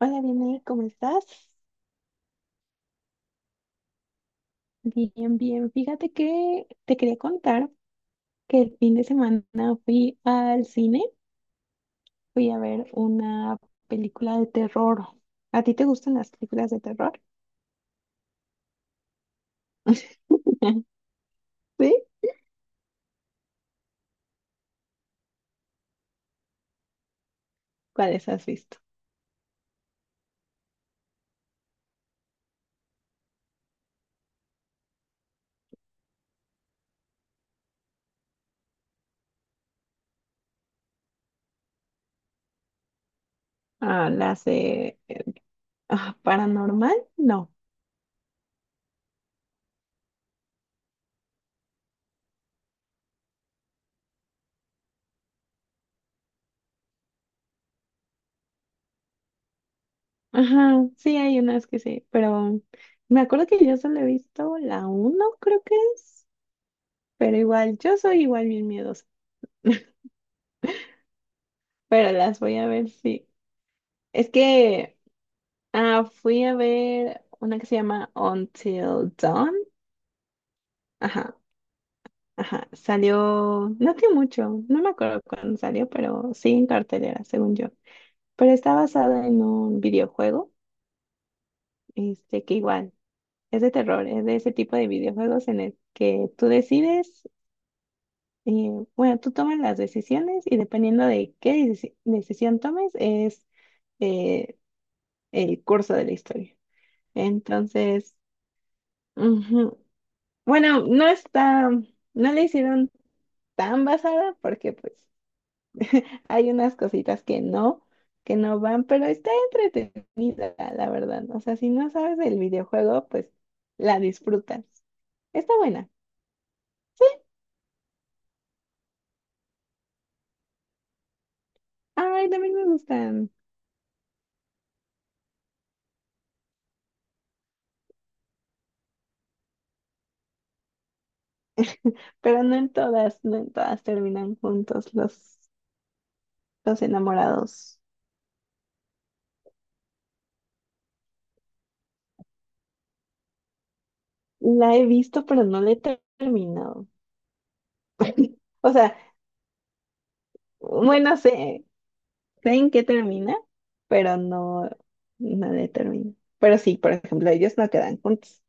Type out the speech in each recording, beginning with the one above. Hola, Vianey, ¿cómo estás? Bien, bien. Fíjate que te quería contar que el fin de semana fui al cine, fui a ver una película de terror. ¿A ti te gustan las películas de terror? ¿Sí? ¿Cuáles has visto? Ah, las de paranormal, no. Ajá, sí, hay unas que sí, pero me acuerdo que yo solo he visto la uno, creo que es, pero igual, yo soy igual bien miedosa, pero las voy a ver, sí. Es que fui a ver una que se llama Until Dawn. Ajá, ajá. Salió, no tiene mucho, no me acuerdo cuándo salió, pero sí en cartelera, según yo. Pero está basada en un videojuego, que igual es de terror, es de ese tipo de videojuegos en el que tú decides, eh, bueno, tú tomas las decisiones y dependiendo de qué decisión tomes es eh, el curso de la historia. Entonces, ujú. Bueno, no está, no le hicieron tan basada porque pues hay unas cositas que no van, pero está entretenida, la verdad. O sea, si no sabes del videojuego, pues la disfrutas. Está buena. Ay, también me gustan, pero no en todas, no en todas terminan juntos los enamorados. La he visto, pero no la he terminado. O sea, bueno, sé. Sé en qué termina, pero no, no determina. Pero sí, por ejemplo, ellos no quedan juntos.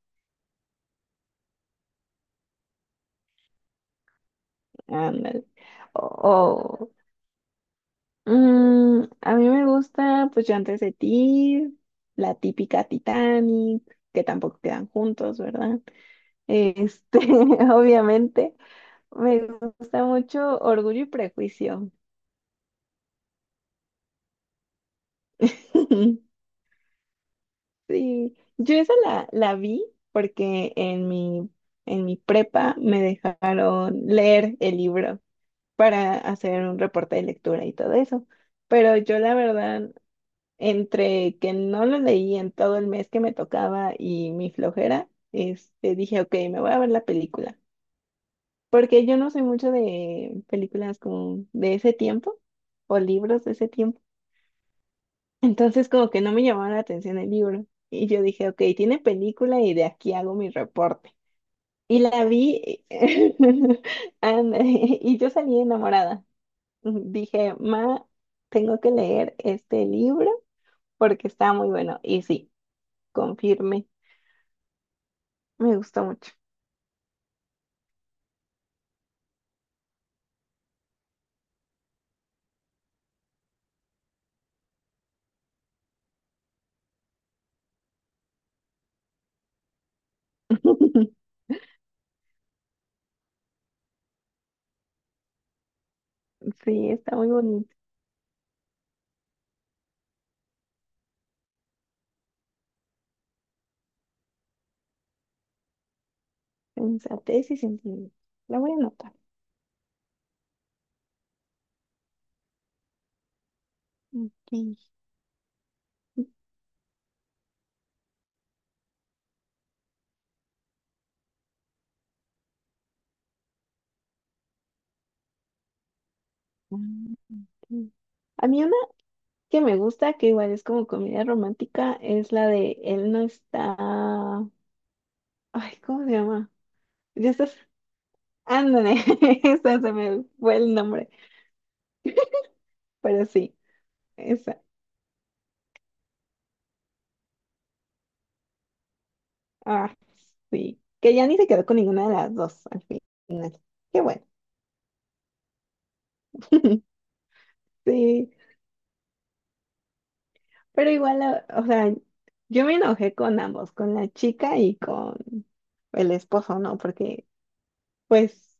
Ándale. O, a mí me gusta, pues yo antes de ti, la típica Titanic, que tampoco quedan juntos, ¿verdad? Este, obviamente, me gusta mucho Orgullo y Prejuicio. Sí, yo esa la vi porque en mi prepa me dejaron leer el libro para hacer un reporte de lectura y todo eso. Pero yo la verdad, entre que no lo leí en todo el mes que me tocaba y mi flojera, dije, ok, me voy a ver la película. Porque yo no soy mucho de películas como de ese tiempo o libros de ese tiempo. Entonces como que no me llamaba la atención el libro. Y yo dije, ok, tiene película y de aquí hago mi reporte. Y la vi, anda, y yo salí enamorada. Dije, ma, tengo que leer este libro porque está muy bueno. Y sí, confirme, me gustó mucho. Sí, está muy bonito. Sensatez y sentimiento. La voy a anotar. Ok. Mm, ok. A mí una que me gusta, que igual es como comedia romántica, es la de Él no está... Ay, ¿cómo se llama? Ya estás... Ándale, esa se me fue el nombre, pero sí, esa. Ah, sí, que ya ni se quedó con ninguna de las dos al final. Qué bueno. Sí, pero igual, o sea, yo me enojé con ambos, con la chica y con el esposo, ¿no? Porque, pues,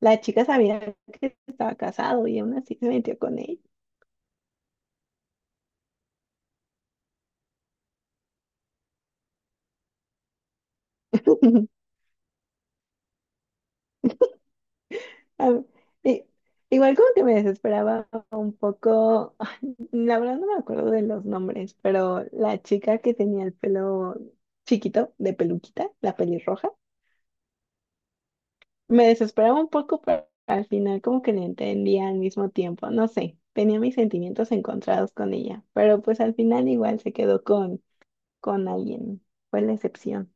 la chica sabía que estaba casado y aún así se metió con él. A i- Igual como que me desesperaba un poco, la verdad no me acuerdo de los nombres, pero la chica que tenía el pelo chiquito, de peluquita, la pelirroja. Me desesperaba un poco, pero al final como que la entendía al mismo tiempo. No sé, tenía mis sentimientos encontrados con ella, pero pues al final igual se quedó con alguien. Fue la excepción.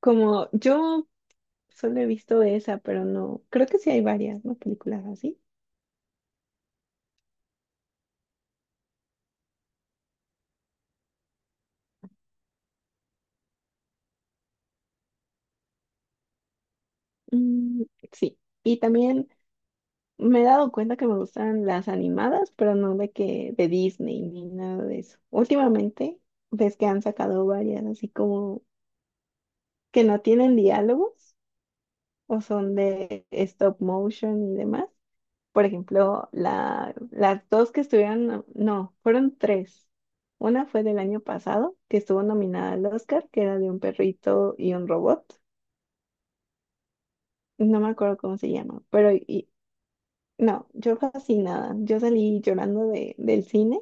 Como yo solo he visto esa, pero no, creo que sí hay varias, ¿no? Películas así. Mm, sí, y también me he dado cuenta que me gustan las animadas, pero no de que de Disney ni nada de eso. Últimamente ves que han sacado varias así como que no tienen diálogos o son de stop motion y demás. Por ejemplo, las dos que estuvieron, no, no, fueron tres. Una fue del año pasado, que estuvo nominada al Oscar, que era de un perrito y un robot. No me acuerdo cómo se llama, no, yo fascinada. Yo salí llorando de, del cine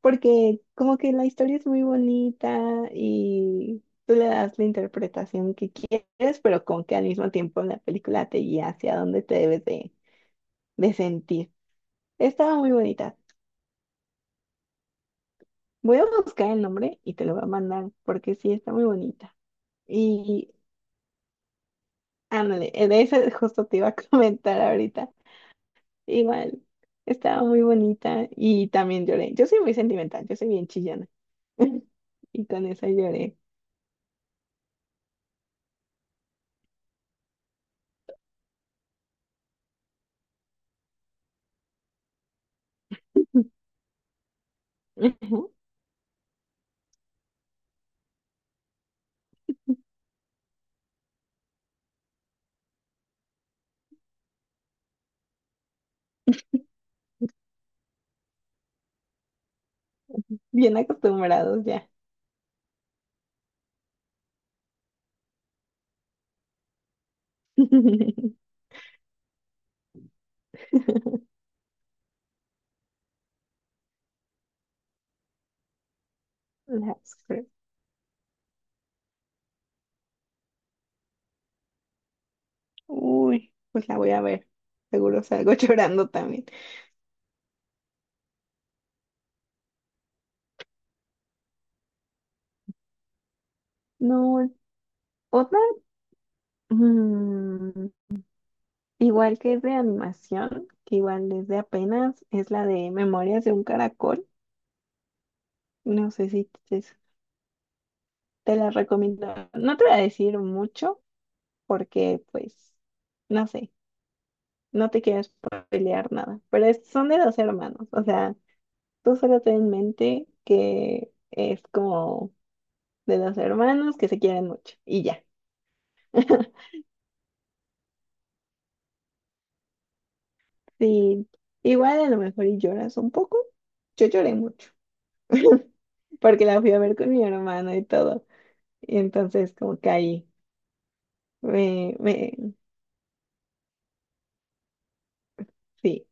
porque como que la historia es muy bonita y tú le das la interpretación que quieres, pero como que al mismo tiempo la película te guía hacia dónde te debes de sentir. Estaba muy bonita. Voy a buscar el nombre y te lo voy a mandar porque sí, está muy bonita. Y ándale, de esa justo te iba a comentar ahorita. Igual, estaba muy bonita y también lloré. Yo soy muy sentimental, yo soy bien chillona. Y con esa lloré. Ujú. Bien acostumbrados ya. Las cre- Uy, pues la voy a ver. Seguro salgo llorando también. No, otra. Mm, igual que es de animación, que igual desde apenas es la de Memorias de un Caracol. No sé si te, te la recomiendo. No te voy a decir mucho porque, pues, no sé, no te quiero pelear nada. Pero son de dos hermanos. O sea, tú solo ten en mente que es como de dos hermanos que se quieren mucho y ya. Sí, igual a lo mejor y lloras un poco. Yo lloré mucho porque la fui a ver con mi hermano y todo. Y entonces como que ahí me, me, sí,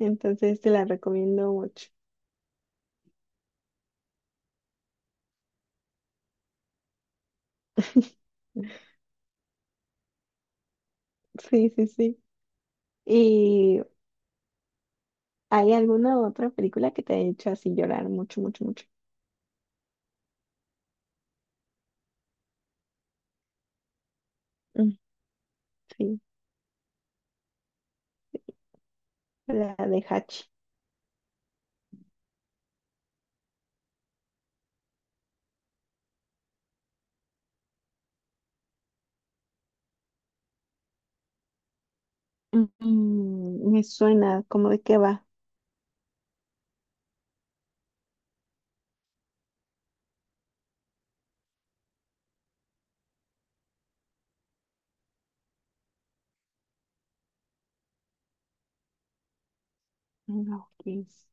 entonces te la recomiendo mucho. Sí, sí, sí. ¿Y hay alguna otra película que te ha hecho así llorar mucho, mucho, mucho? Mm, sí, la de Hachi. Mm, me suena como de qué va. No, ¿qué es?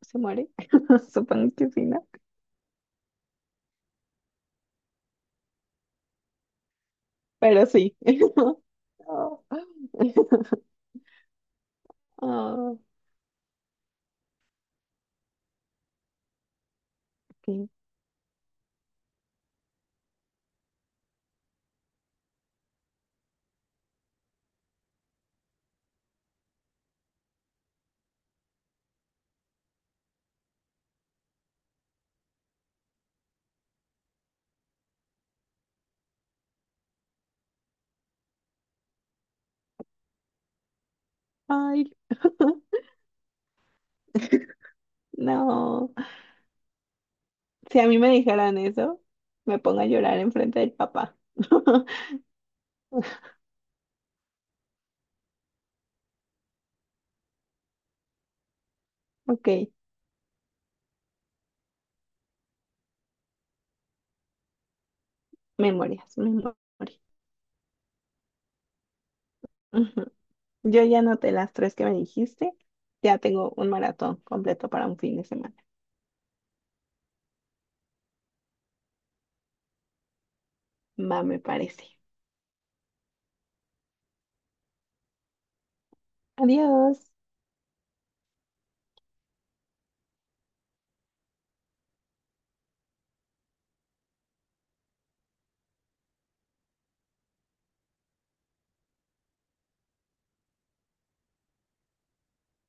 ¿Se muere? Supongo que sí, ¿no? Pero sí. Oh, oh, ok. Ay, no. Si a mí me dijeran eso, me pongo a llorar enfrente del papá. Ok, memorias, memorias. Ujú. Yo ya anoté las tres que me dijiste. Ya tengo un maratón completo para un fin de semana. Va, me parece. Adiós.